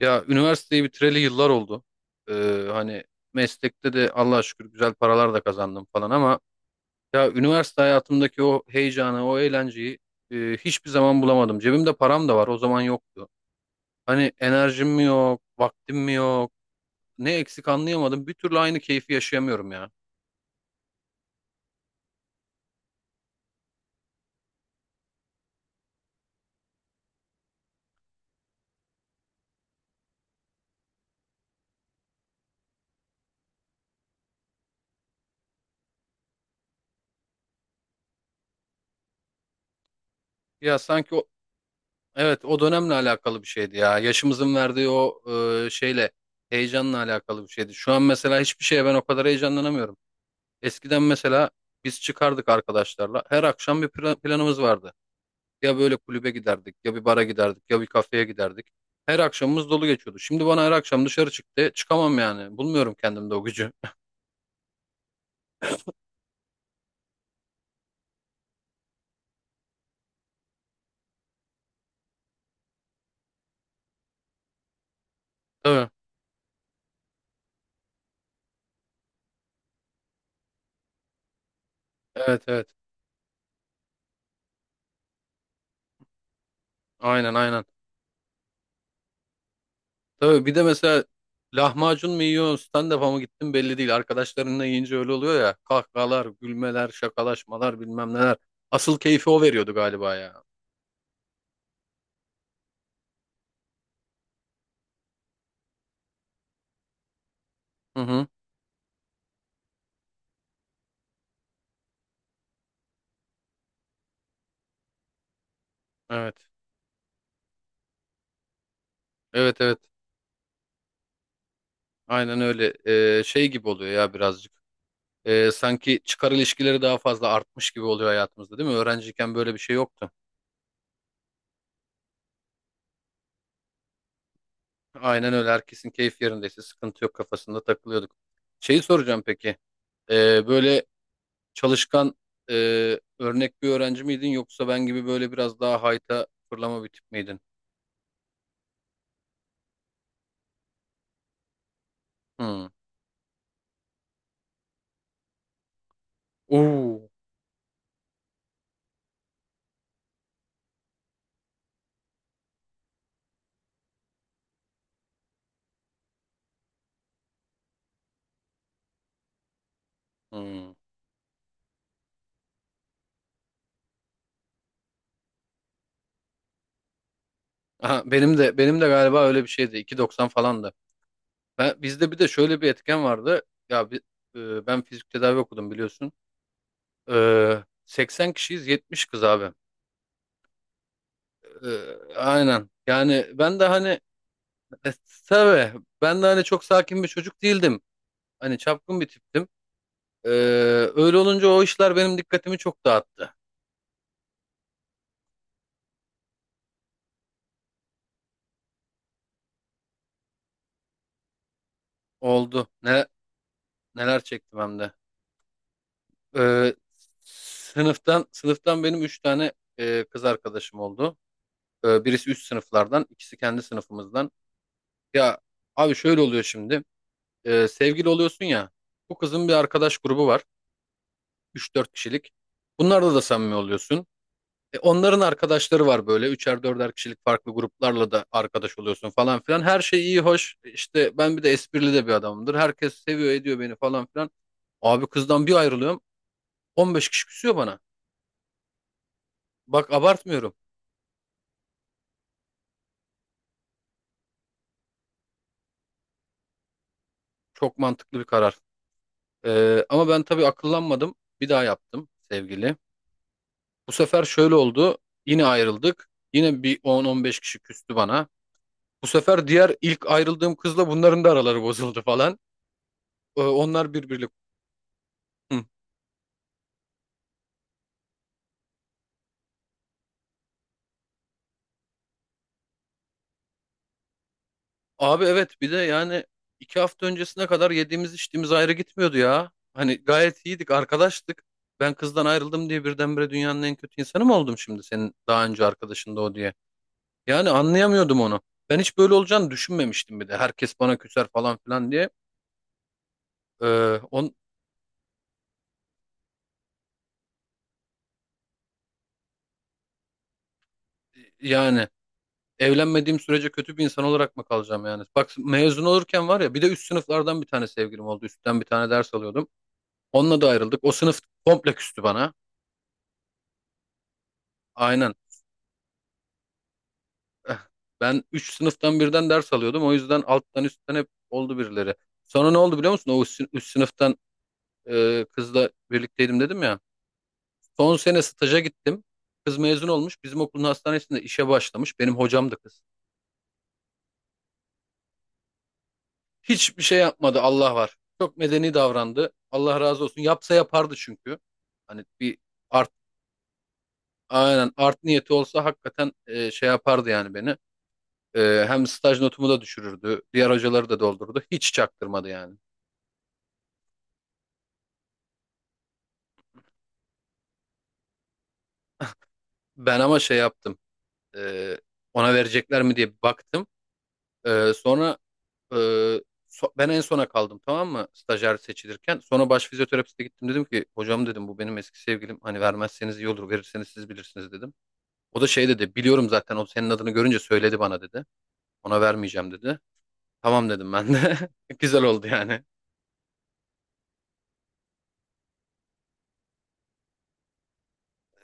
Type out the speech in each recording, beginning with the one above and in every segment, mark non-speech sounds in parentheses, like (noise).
Ya üniversiteyi bitireli yıllar oldu. Ee, hani meslekte de Allah'a şükür güzel paralar da kazandım falan ama ya üniversite hayatımdaki o heyecanı, o eğlenceyi hiçbir zaman bulamadım. Cebimde param da var, o zaman yoktu. Hani enerjim mi yok, vaktim mi yok, ne eksik anlayamadım. Bir türlü aynı keyfi yaşayamıyorum ya. Ya sanki o, evet, o dönemle alakalı bir şeydi ya. Yaşımızın verdiği o e, şeyle, heyecanla alakalı bir şeydi. Şu an mesela hiçbir şeye ben o kadar heyecanlanamıyorum. Eskiden mesela biz çıkardık arkadaşlarla. Her akşam bir planımız vardı. Ya böyle kulübe giderdik, ya bir bara giderdik, ya bir kafeye giderdik. Her akşamımız dolu geçiyordu. Şimdi bana her akşam dışarı çıktı. Çıkamam yani. Bulmuyorum kendimde o gücü. (laughs) Tabii. Evet, evet. Aynen, aynen. Tabii bir de mesela lahmacun mu yiyorsun, stand-up'a mı gittin belli değil. Arkadaşlarınla yiyince öyle oluyor ya. Kahkahalar, gülmeler, şakalaşmalar bilmem neler. Asıl keyfi o veriyordu galiba ya. Hı hı. Evet. Evet, evet. Aynen öyle. Şey gibi oluyor ya birazcık. Sanki çıkar ilişkileri daha fazla artmış gibi oluyor hayatımızda değil mi? Öğrenciyken böyle bir şey yoktu. Aynen öyle. Herkesin keyif yerindeyse sıkıntı yok kafasında takılıyorduk. Şeyi soracağım peki. Böyle çalışkan e, örnek bir öğrenci miydin yoksa ben gibi böyle biraz daha hayta fırlama bir tip miydin? Hmm. Oo. Hmm. (laughs) Aha, benim de galiba öyle bir şeydi. 2.90 falandı. Bizde bir de şöyle bir etken vardı. Ya ben fizik tedavi okudum biliyorsun. 80 kişiyiz 70 kız abi. Aynen. Yani ben de hani e, tabii ben de hani çok sakin bir çocuk değildim. Hani çapkın bir tiptim. Ee, öyle olunca o işler benim dikkatimi çok dağıttı. Oldu. Neler çektim hem de. Ee, sınıftan benim 3 tane kız arkadaşım oldu. Birisi üst sınıflardan, ikisi kendi sınıfımızdan. Ya abi şöyle oluyor şimdi. Sevgili oluyorsun ya. Bu kızın bir arkadaş grubu var. Üç dört kişilik. Bunlarda da samimi oluyorsun. Onların arkadaşları var böyle. Üçer dörder kişilik farklı gruplarla da arkadaş oluyorsun falan filan. Her şey iyi hoş. İşte ben bir de esprili de bir adamımdır. Herkes seviyor ediyor beni falan filan. Abi kızdan bir ayrılıyorum. 15 kişi küsüyor bana. Bak abartmıyorum. Çok mantıklı bir karar. Ama ben tabii akıllanmadım. Bir daha yaptım sevgili. Bu sefer şöyle oldu. Yine ayrıldık. Yine bir 10-15 kişi küstü bana. Bu sefer diğer ilk ayrıldığım kızla bunların da araları bozuldu falan. Onlar birbiriyle. Hı. Abi evet, bir de yani 2 hafta öncesine kadar yediğimiz içtiğimiz ayrı gitmiyordu ya. Hani gayet iyiydik arkadaştık. Ben kızdan ayrıldım diye birdenbire dünyanın en kötü insanı mı oldum şimdi senin daha önce arkadaşın da o diye. Yani anlayamıyordum onu. Ben hiç böyle olacağını düşünmemiştim bir de. Herkes bana küser falan filan diye. Ee, on, yani evlenmediğim sürece kötü bir insan olarak mı kalacağım yani? Bak mezun olurken var ya bir de üst sınıflardan bir tane sevgilim oldu. Üstten bir tane ders alıyordum. Onunla da ayrıldık. O sınıf komple küstü bana. Aynen. Eh, ben 3 sınıftan birden ders alıyordum. O yüzden alttan üstten hep oldu birileri. Sonra ne oldu biliyor musun? O üst sınıftan kızla birlikteydim dedim ya. Son sene staja gittim. Kız mezun olmuş. Bizim okulun hastanesinde işe başlamış. Benim hocam da kız. Hiçbir şey yapmadı Allah var. Çok medeni davrandı. Allah razı olsun. Yapsa yapardı çünkü. Hani bir art aynen, art niyeti olsa hakikaten şey yapardı yani beni. Hem staj notumu da düşürürdü. Diğer hocaları da doldurdu. Hiç çaktırmadı yani. Ben ama şey yaptım. Ee, ona verecekler mi diye bir baktım. Sonra e, ben en sona kaldım tamam mı? Stajyer seçilirken. Sonra baş fizyoterapiste gittim dedim ki hocam dedim bu benim eski sevgilim. Hani vermezseniz iyi olur. Verirseniz siz bilirsiniz dedim. O da şey dedi biliyorum zaten o senin adını görünce söyledi bana dedi. Ona vermeyeceğim dedi. Tamam dedim ben de. (laughs) Güzel oldu yani.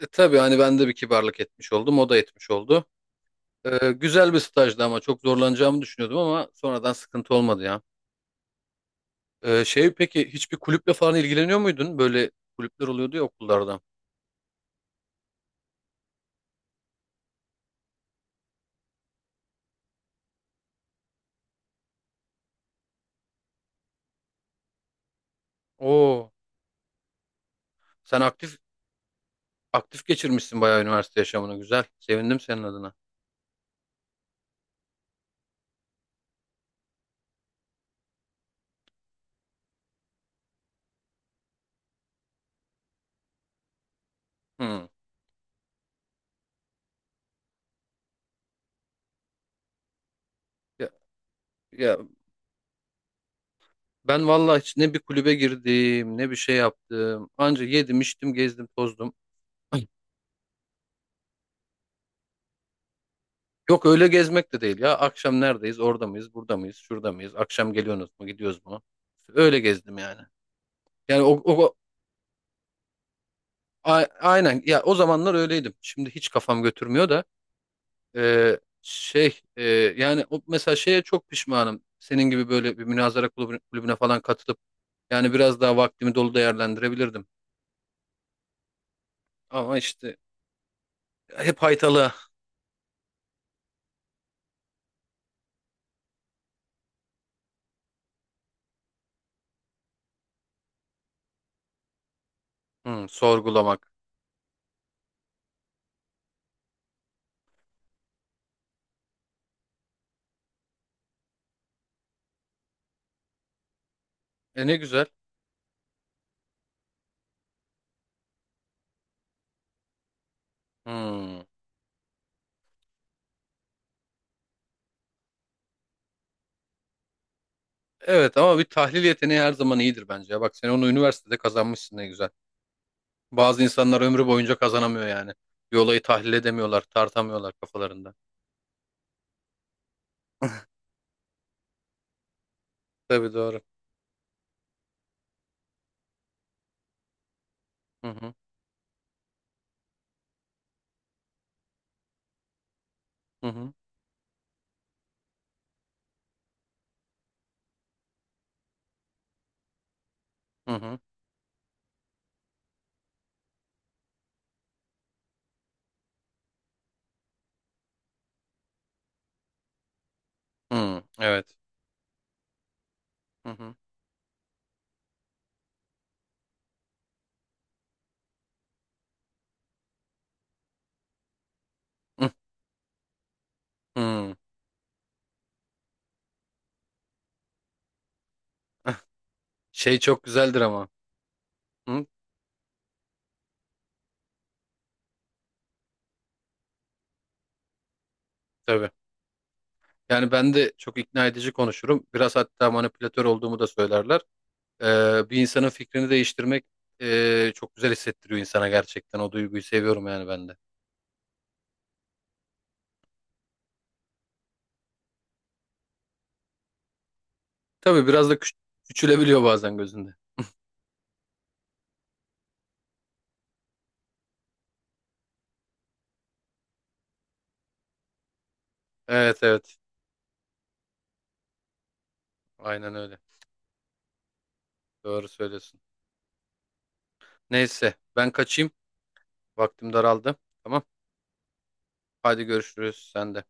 Tabii hani ben de bir kibarlık etmiş oldum. O da etmiş oldu. Güzel bir stajdı ama çok zorlanacağımı düşünüyordum ama sonradan sıkıntı olmadı ya. Peki hiçbir kulüple falan ilgileniyor muydun? Böyle kulüpler oluyordu ya okullarda. Oo, sen aktif geçirmişsin bayağı üniversite yaşamını. Güzel. Sevindim senin adına. Hmm. Ya, ya ben vallahi hiç ne bir kulübe girdim, ne bir şey yaptım. Anca yedim, içtim, gezdim, tozdum. (clears throat) Ay. Yok öyle gezmek de değil ya. Akşam neredeyiz? Orada mıyız? Burada mıyız? Şurada mıyız? Akşam geliyorsunuz mu? Gidiyoruz mu? Öyle gezdim yani. Yani, aynen ya o zamanlar öyleydim. Şimdi hiç kafam götürmüyor da. Ee, şey e, yani mesela şeye çok pişmanım. Senin gibi böyle bir münazara kulübüne, falan katılıp yani biraz daha vaktimi dolu değerlendirebilirdim. Ama işte hep haytalı. Hmm, sorgulamak. Ne güzel. Hmm. Evet ama bir tahlil yeteneği her zaman iyidir bence ya. Bak sen onu üniversitede kazanmışsın ne güzel. Bazı insanlar ömrü boyunca kazanamıyor yani. Bir olayı tahlil edemiyorlar, tartamıyorlar kafalarında. Tabii doğru. Hı hı hı hı hı hı. Hı, evet. Hı hı. Hı hı. Şey çok güzeldir ama. Hı? Tabii. Yani ben de çok ikna edici konuşurum. Biraz hatta manipülatör olduğumu da söylerler. Bir insanın fikrini değiştirmek çok güzel hissettiriyor insana gerçekten. O duyguyu seviyorum yani ben de. Tabii biraz da küçülebiliyor bazen gözünde. Evet, evet. Aynen öyle. Doğru söylüyorsun. Neyse ben kaçayım. Vaktim daraldı. Tamam. Hadi görüşürüz. Sen de.